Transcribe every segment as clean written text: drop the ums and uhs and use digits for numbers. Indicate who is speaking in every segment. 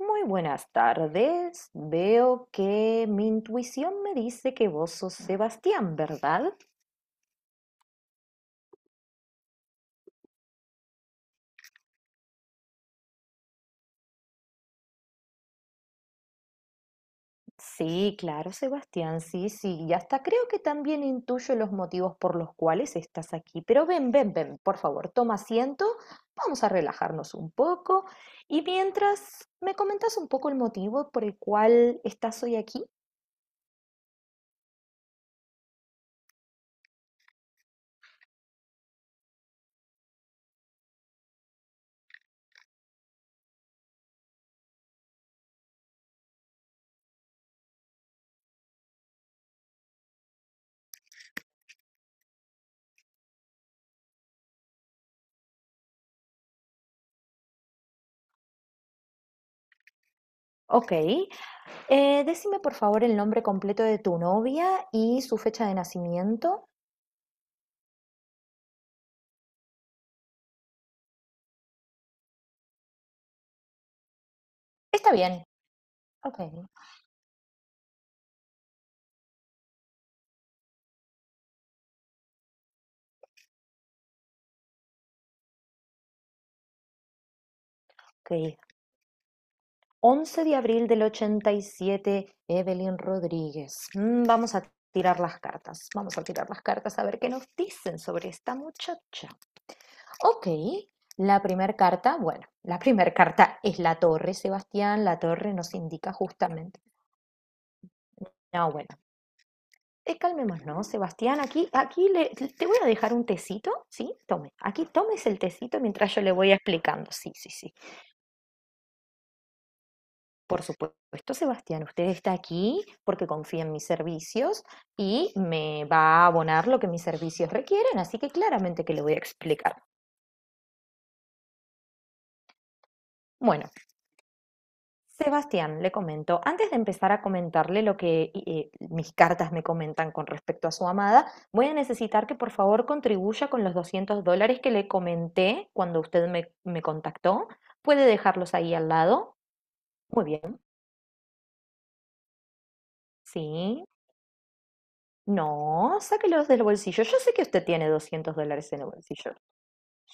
Speaker 1: Muy buenas tardes. Veo que mi intuición me dice que vos sos Sebastián, ¿verdad? Sí, claro, Sebastián, sí, sí. Y hasta creo que también intuyo los motivos por los cuales estás aquí. Pero ven, ven, ven, por favor, toma asiento. Vamos a relajarnos un poco. Y mientras me comentas un poco el motivo por el cual estás hoy aquí. Ok, decime por favor el nombre completo de tu novia y su fecha de nacimiento. Está bien. Ok. Ok, 11 de abril del 87, Evelyn Rodríguez. Vamos a tirar las cartas, vamos a tirar las cartas a ver qué nos dicen sobre esta muchacha. Ok, bueno, la primera carta es la torre, Sebastián, la torre nos indica justamente. No, bueno, calmémonos, Sebastián, aquí, te voy a dejar un tecito, ¿sí? Tome, aquí tomes el tecito mientras yo le voy explicando, sí, sí, sí. Por supuesto, Sebastián, usted está aquí porque confía en mis servicios y me va a abonar lo que mis servicios requieren, así que claramente que le voy a explicar. Bueno, Sebastián, le comento, antes de empezar a comentarle lo que mis cartas me comentan con respecto a su amada, voy a necesitar que por favor contribuya con los $200 que le comenté cuando usted me contactó. ¿Puede dejarlos ahí al lado? Muy bien, sí. No, sáquelos del bolsillo. Yo sé que usted tiene $200 en el bolsillo.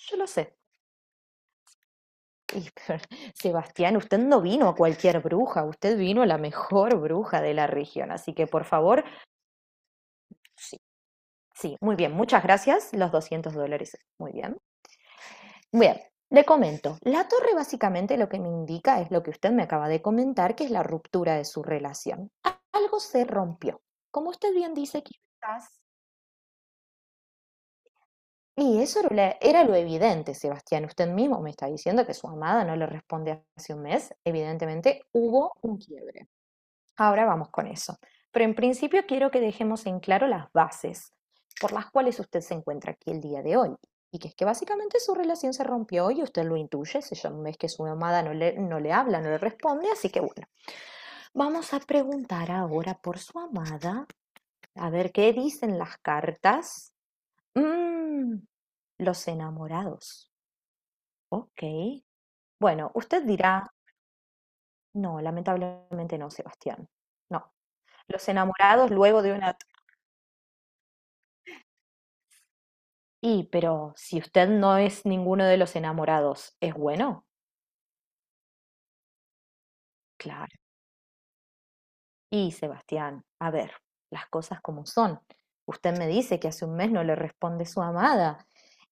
Speaker 1: Yo lo sé. Y, pero, Sebastián, usted no vino a cualquier bruja, usted vino a la mejor bruja de la región. Así que, por favor, sí, sí, muy bien, muchas gracias. Los 200 dólares, muy bien. Bien, le comento. La torre básicamente lo que me indica es lo que usted me acaba de comentar, que es la ruptura de su relación. Algo se rompió. Como usted bien dice, quizás. Y eso era lo evidente, Sebastián. Usted mismo me está diciendo que su amada no le responde hace un mes. Evidentemente hubo un quiebre. Ahora vamos con eso. Pero en principio quiero que dejemos en claro las bases por las cuales usted se encuentra aquí el día de hoy. Y que es que básicamente su relación se rompió y usted lo intuye, se llama, es que su amada no le habla, no le responde, así que bueno, vamos a preguntar ahora por su amada, a ver qué dicen las cartas. Mm, los enamorados. Ok. Bueno, usted dirá, no, lamentablemente no, Sebastián. No. Los enamorados luego de una... Y, pero si usted no es ninguno de los enamorados, ¿es bueno? Claro. Y, Sebastián, a ver, las cosas como son. Usted me dice que hace un mes no le responde su amada.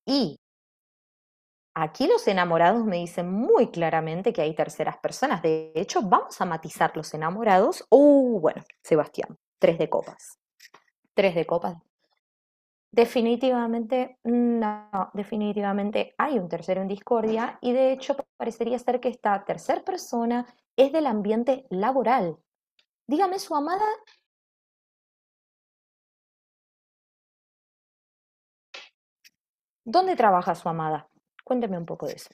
Speaker 1: Y aquí los enamorados me dicen muy claramente que hay terceras personas. De hecho, vamos a matizar los enamorados. Bueno, Sebastián, tres de copas. Tres de copas. Definitivamente, no, definitivamente hay un tercero en discordia y de hecho parecería ser que esta tercer persona es del ambiente laboral. Dígame su amada, ¿dónde trabaja su amada? Cuénteme un poco de eso.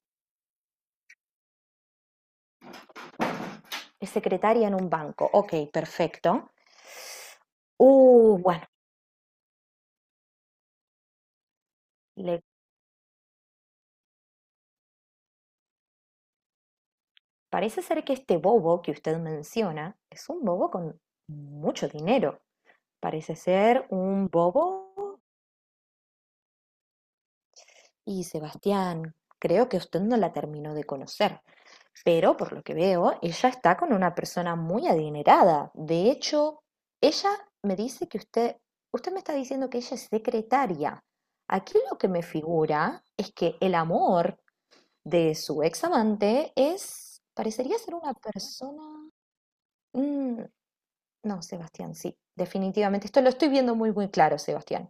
Speaker 1: Es secretaria en un banco. Ok, perfecto. Bueno, le parece ser que este bobo que usted menciona es un bobo con mucho dinero. Parece ser un bobo. Y Sebastián, creo que usted no la terminó de conocer, pero por lo que veo, ella está con una persona muy adinerada. De hecho, ella me dice que usted me está diciendo que ella es secretaria. Aquí lo que me figura es que el amor de su ex amante es, parecería ser una persona... Mm, no, Sebastián, sí, definitivamente. Esto lo estoy viendo muy, muy claro, Sebastián.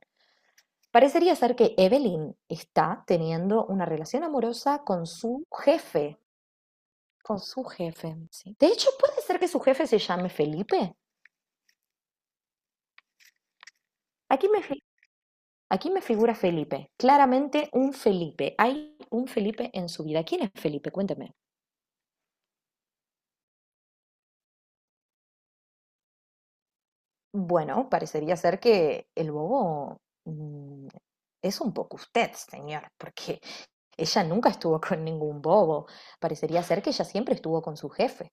Speaker 1: Parecería ser que Evelyn está teniendo una relación amorosa con su jefe, sí. De hecho, puede ser que su jefe se llame Felipe. Aquí me, fi- aquí me figura Felipe, claramente un Felipe. Hay un Felipe en su vida. ¿Quién es Felipe? Cuénteme. Bueno, parecería ser que el bobo mm, es un poco usted, señor, porque ella nunca estuvo con ningún bobo. Parecería ser que ella siempre estuvo con su jefe.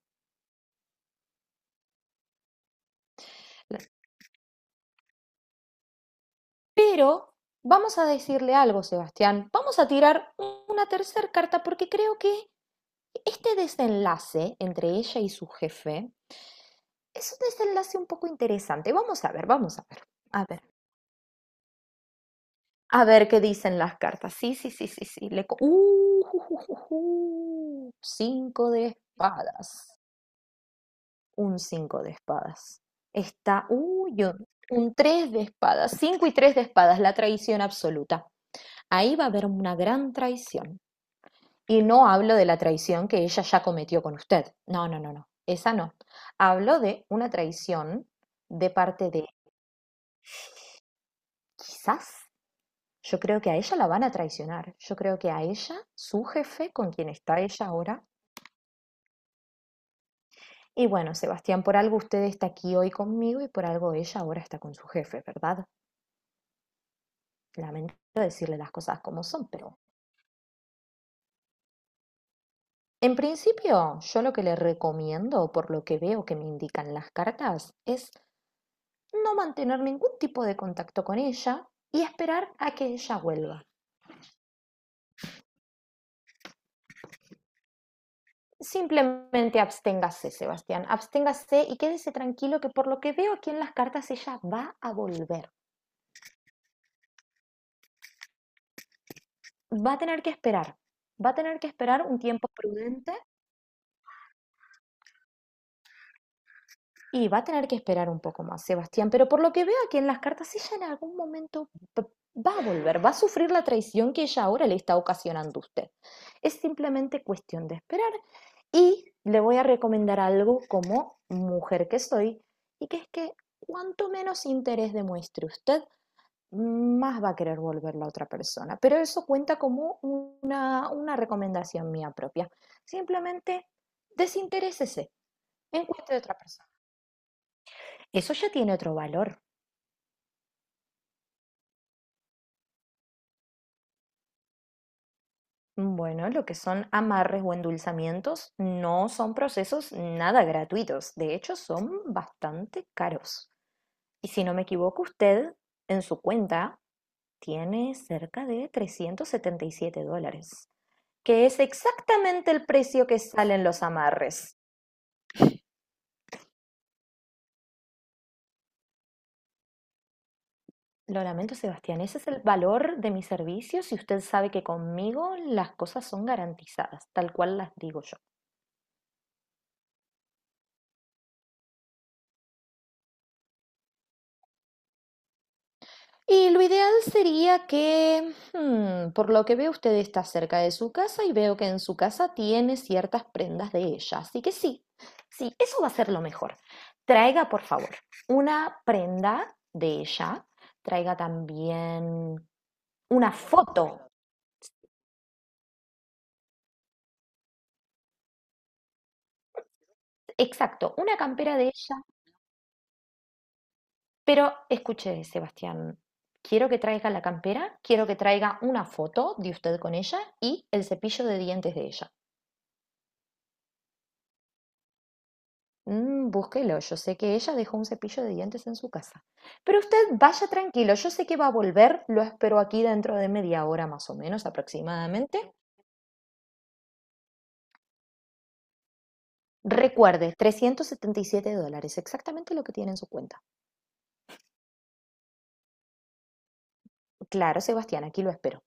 Speaker 1: Pero vamos a decirle algo, Sebastián. Vamos a tirar una tercera carta porque creo que este desenlace entre ella y su jefe es un desenlace un poco interesante. Vamos a ver, vamos a ver. A ver, a ver qué dicen las cartas. Sí, sí, sí, sí, sí. Ju, ju, ju. Cinco de espadas. Un cinco de espadas. Está, uy, un tres de espadas. Cinco y tres de espadas, la traición absoluta. Ahí va a haber una gran traición. Y no hablo de la traición que ella ya cometió con usted. No, no, no, no. Esa no. Hablo de una traición de parte de, quizás, yo creo que a ella la van a traicionar. Yo creo que a ella, su jefe, con quien está ella ahora. Y bueno, Sebastián, por algo usted está aquí hoy conmigo y por algo ella ahora está con su jefe, ¿verdad? Lamento decirle las cosas como son, pero en principio, yo lo que le recomiendo, por lo que veo que me indican las cartas, es no mantener ningún tipo de contacto con ella y esperar a que ella vuelva. Simplemente absténgase, Sebastián, absténgase y quédese tranquilo que por lo que veo aquí en las cartas ella va a volver. Va a tener que esperar, va a tener que esperar un tiempo prudente. Y va a tener que esperar un poco más, Sebastián, pero por lo que veo aquí en las cartas, ella en algún momento va a volver, va a sufrir la traición que ella ahora le está ocasionando a usted. Es simplemente cuestión de esperar y le voy a recomendar algo como mujer que soy, y que es que cuanto menos interés demuestre usted, más va a querer volver la otra persona. Pero eso cuenta como una recomendación mía propia. Simplemente desinterésese en cuestión de otra persona. Eso ya tiene otro valor. Bueno lo que son amarres o endulzamientos no son procesos nada gratuitos, de hecho son bastante caros. Y si no me equivoco, usted en su cuenta tiene cerca de $377, que es exactamente el precio que salen los amarres. Lo lamento, Sebastián, ese es el valor de mis servicios y usted sabe que conmigo las cosas son garantizadas, tal cual las digo. Y lo ideal sería que, por lo que veo, usted está cerca de su casa y veo que en su casa tiene ciertas prendas de ella. Así que sí, sí, eso va a ser lo mejor. Traiga, por favor, una prenda de ella. Traiga también una foto. Exacto, una campera de ella. Pero escuche, Sebastián, quiero que traiga la campera, quiero que traiga una foto de usted con ella y el cepillo de dientes de ella. Búsquelo, yo sé que ella dejó un cepillo de dientes en su casa. Pero usted vaya tranquilo, yo sé que va a volver, lo espero aquí dentro de media hora más o menos aproximadamente. Recuerde, $377, exactamente lo que tiene en su cuenta. Claro, Sebastián, aquí lo espero.